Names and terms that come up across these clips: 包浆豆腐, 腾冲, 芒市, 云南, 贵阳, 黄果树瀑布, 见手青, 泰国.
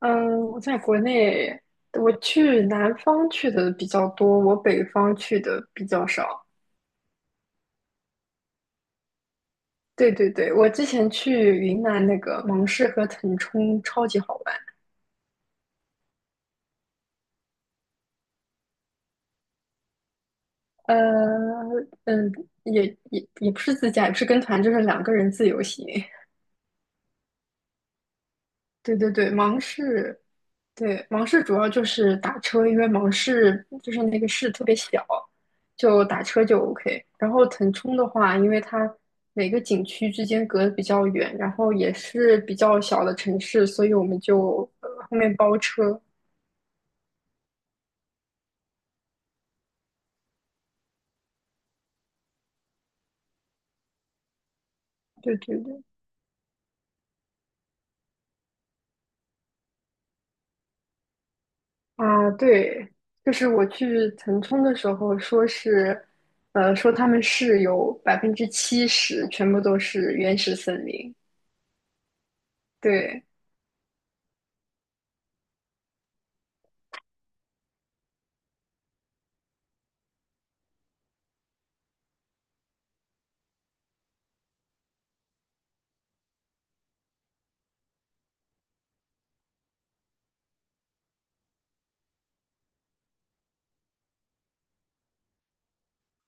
嗯，我在国内，我去南方去的比较多，我北方去的比较少。对对对，我之前去云南那个芒市和腾冲超级好玩。呃，嗯，也也不是自驾，也不是跟团，就是两个人自由行。对对对，对，芒市主要就是打车，因为芒市就是那个市特别小，就打车就 OK。然后腾冲的话，因为它每个景区之间隔得比较远，然后也是比较小的城市，所以我们就后面包车。对对对，啊对，就是我去腾冲的时候，说他们市有70%全部都是原始森林，对。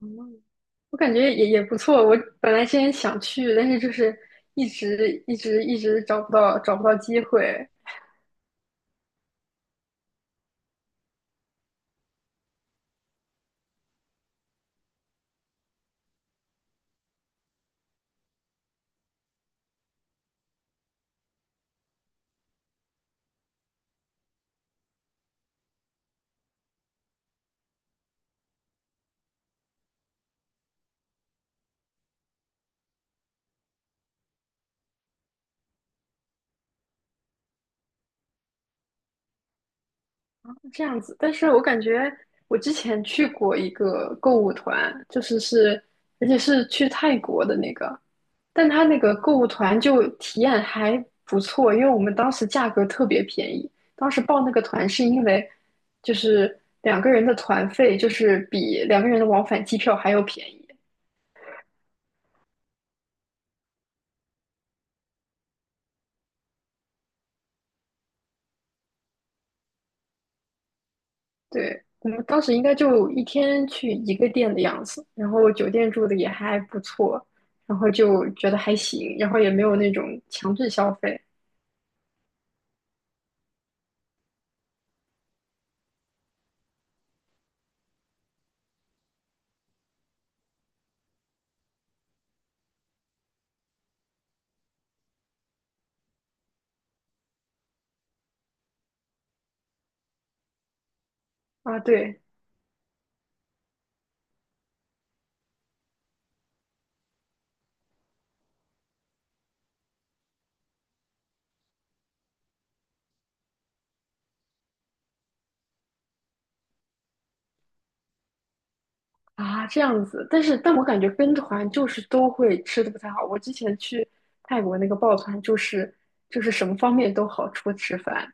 嗯，我感觉也不错。我本来之前想去，但是就是一直找不到机会这样子。但是我感觉我之前去过一个购物团，而且是去泰国的那个，但他那个购物团就体验还不错，因为我们当时价格特别便宜。当时报那个团是因为就是两个人的团费就是比两个人的往返机票还要便宜。对，我们当时应该就一天去一个店的样子，然后酒店住的也还不错，然后就觉得还行，然后也没有那种强制消费啊，对啊，这样子。但我感觉跟团就是都会吃的不太好。我之前去泰国那个抱团，就是什么方面都好，除了吃饭。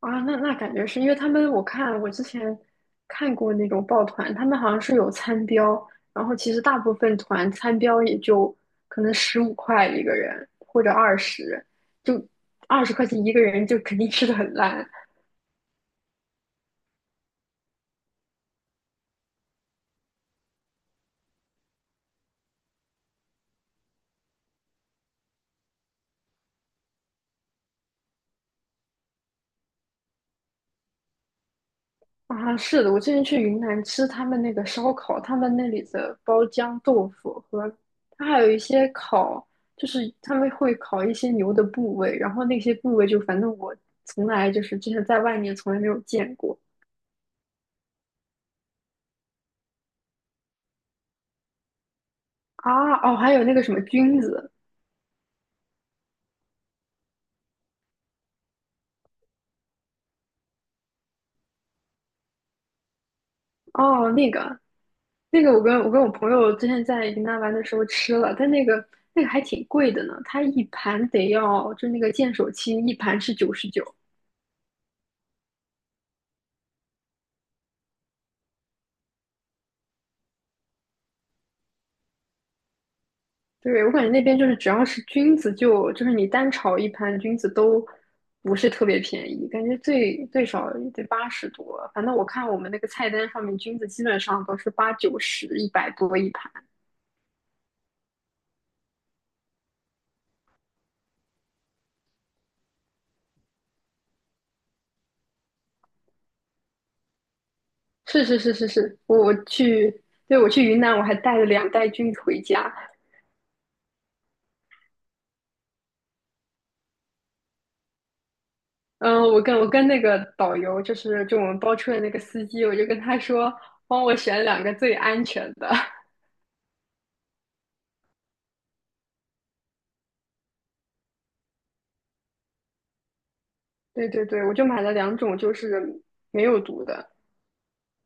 啊，那感觉是因为他们，我之前看过那种抱团，他们好像是有餐标，然后其实大部分团餐标也就可能15块一个人或者二十，就20块钱一个人就肯定吃的很烂啊。是的，我之前去云南吃他们那个烧烤，他们那里的包浆豆腐和它还有一些烤，就是他们会烤一些牛的部位，然后那些部位就反正我从来就是之前在外面从来没有见过。啊，哦，还有那个什么菌子，哦，我跟我朋友之前在云南玩的时候吃了，但那个还挺贵的呢，它一盘得要，就那个见手青一盘是99，对，我感觉那边就是只要是菌子就是你单炒一盘菌子都不是特别便宜，感觉最少也得80多，反正我看我们那个菜单上面菌子基本上都是八九十一百多一盘。是是是是是，对，我去云南，我还带了两袋菌回家。嗯，我跟那个导游，就我们包车的那个司机，我就跟他说，帮我选两个最安全的。对对对，我就买了两种，就是没有毒的，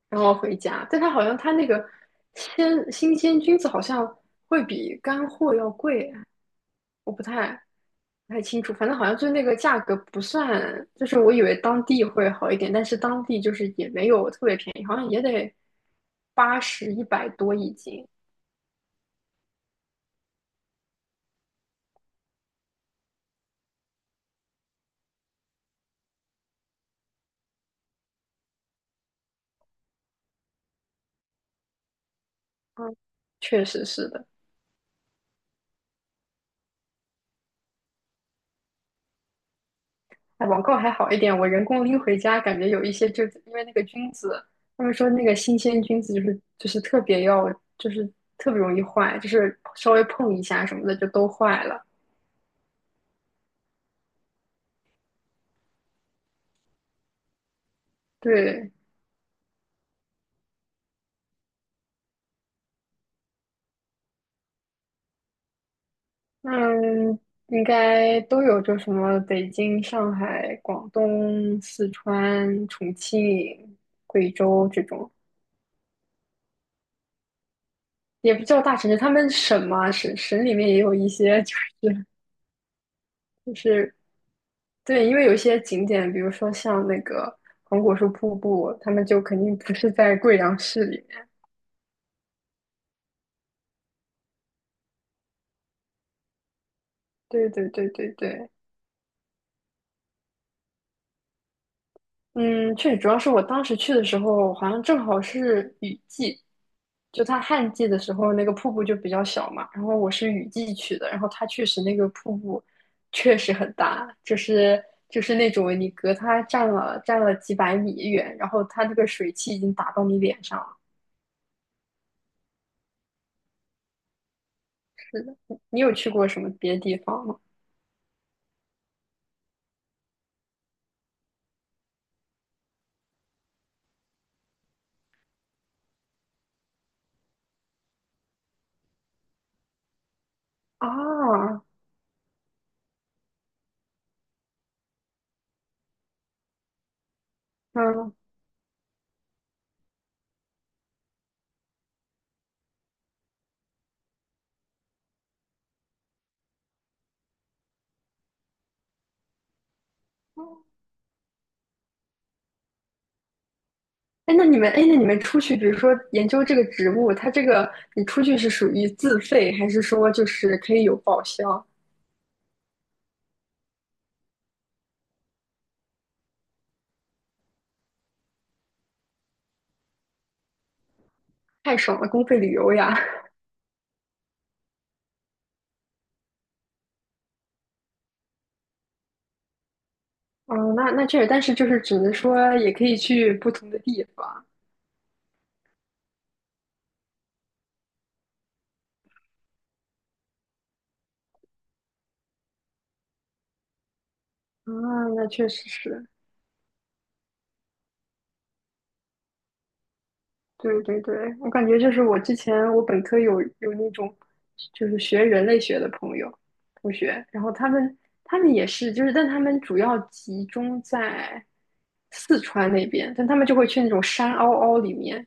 然后回家。但他好像他那个新鲜菌子好像会比干货要贵，我不太清楚，反正好像就是那个价格不算，就是我以为当地会好一点，但是当地就是也没有特别便宜，好像也得八十一百多一斤。嗯，确实是的。哎，网购还好一点，我人工拎回家，感觉有一些就因为那个菌子，他们说那个新鲜菌子就是就是特别容易坏，就是稍微碰一下什么的就都坏了。对，嗯，应该都有，就什么北京、上海、广东、四川、重庆、贵州这种，也不叫大城市，他们省嘛，省里面也有一些，就是就是对，因为有一些景点，比如说像那个黄果树瀑布，他们就肯定不是在贵阳市里面。对对对对对，嗯，确实，主要是我当时去的时候，好像正好是雨季，就它旱季的时候，那个瀑布就比较小嘛。然后我是雨季去的，然后它确实那个瀑布确实很大，就是那种你隔它站了几百米远，然后它那个水汽已经打到你脸上了。你有去过什么别的地方吗？啊，嗯。哎，那你们出去，比如说研究这个植物，它这个你出去是属于自费，还是说就是可以有报销？太爽了，公费旅游呀！嗯，那确实，但是就是只能说也可以去不同的地方啊，那确实是。对对对，我感觉就是我之前我本科有那种就是学人类学的朋友同学，然后他们也是就是，但他们主要集中在四川那边，但他们就会去那种山凹凹里面，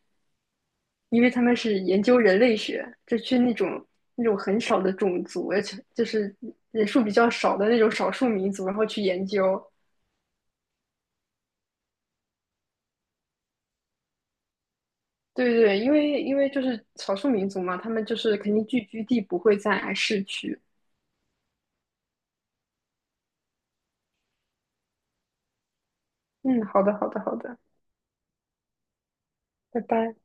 因为他们是研究人类学，就去那种很少的种族，而且就是人数比较少的那种少数民族，然后去研究。对对，因为就是少数民族嘛，他们就是肯定聚居地不会在市区，嗯，好的，好的，好的，拜拜。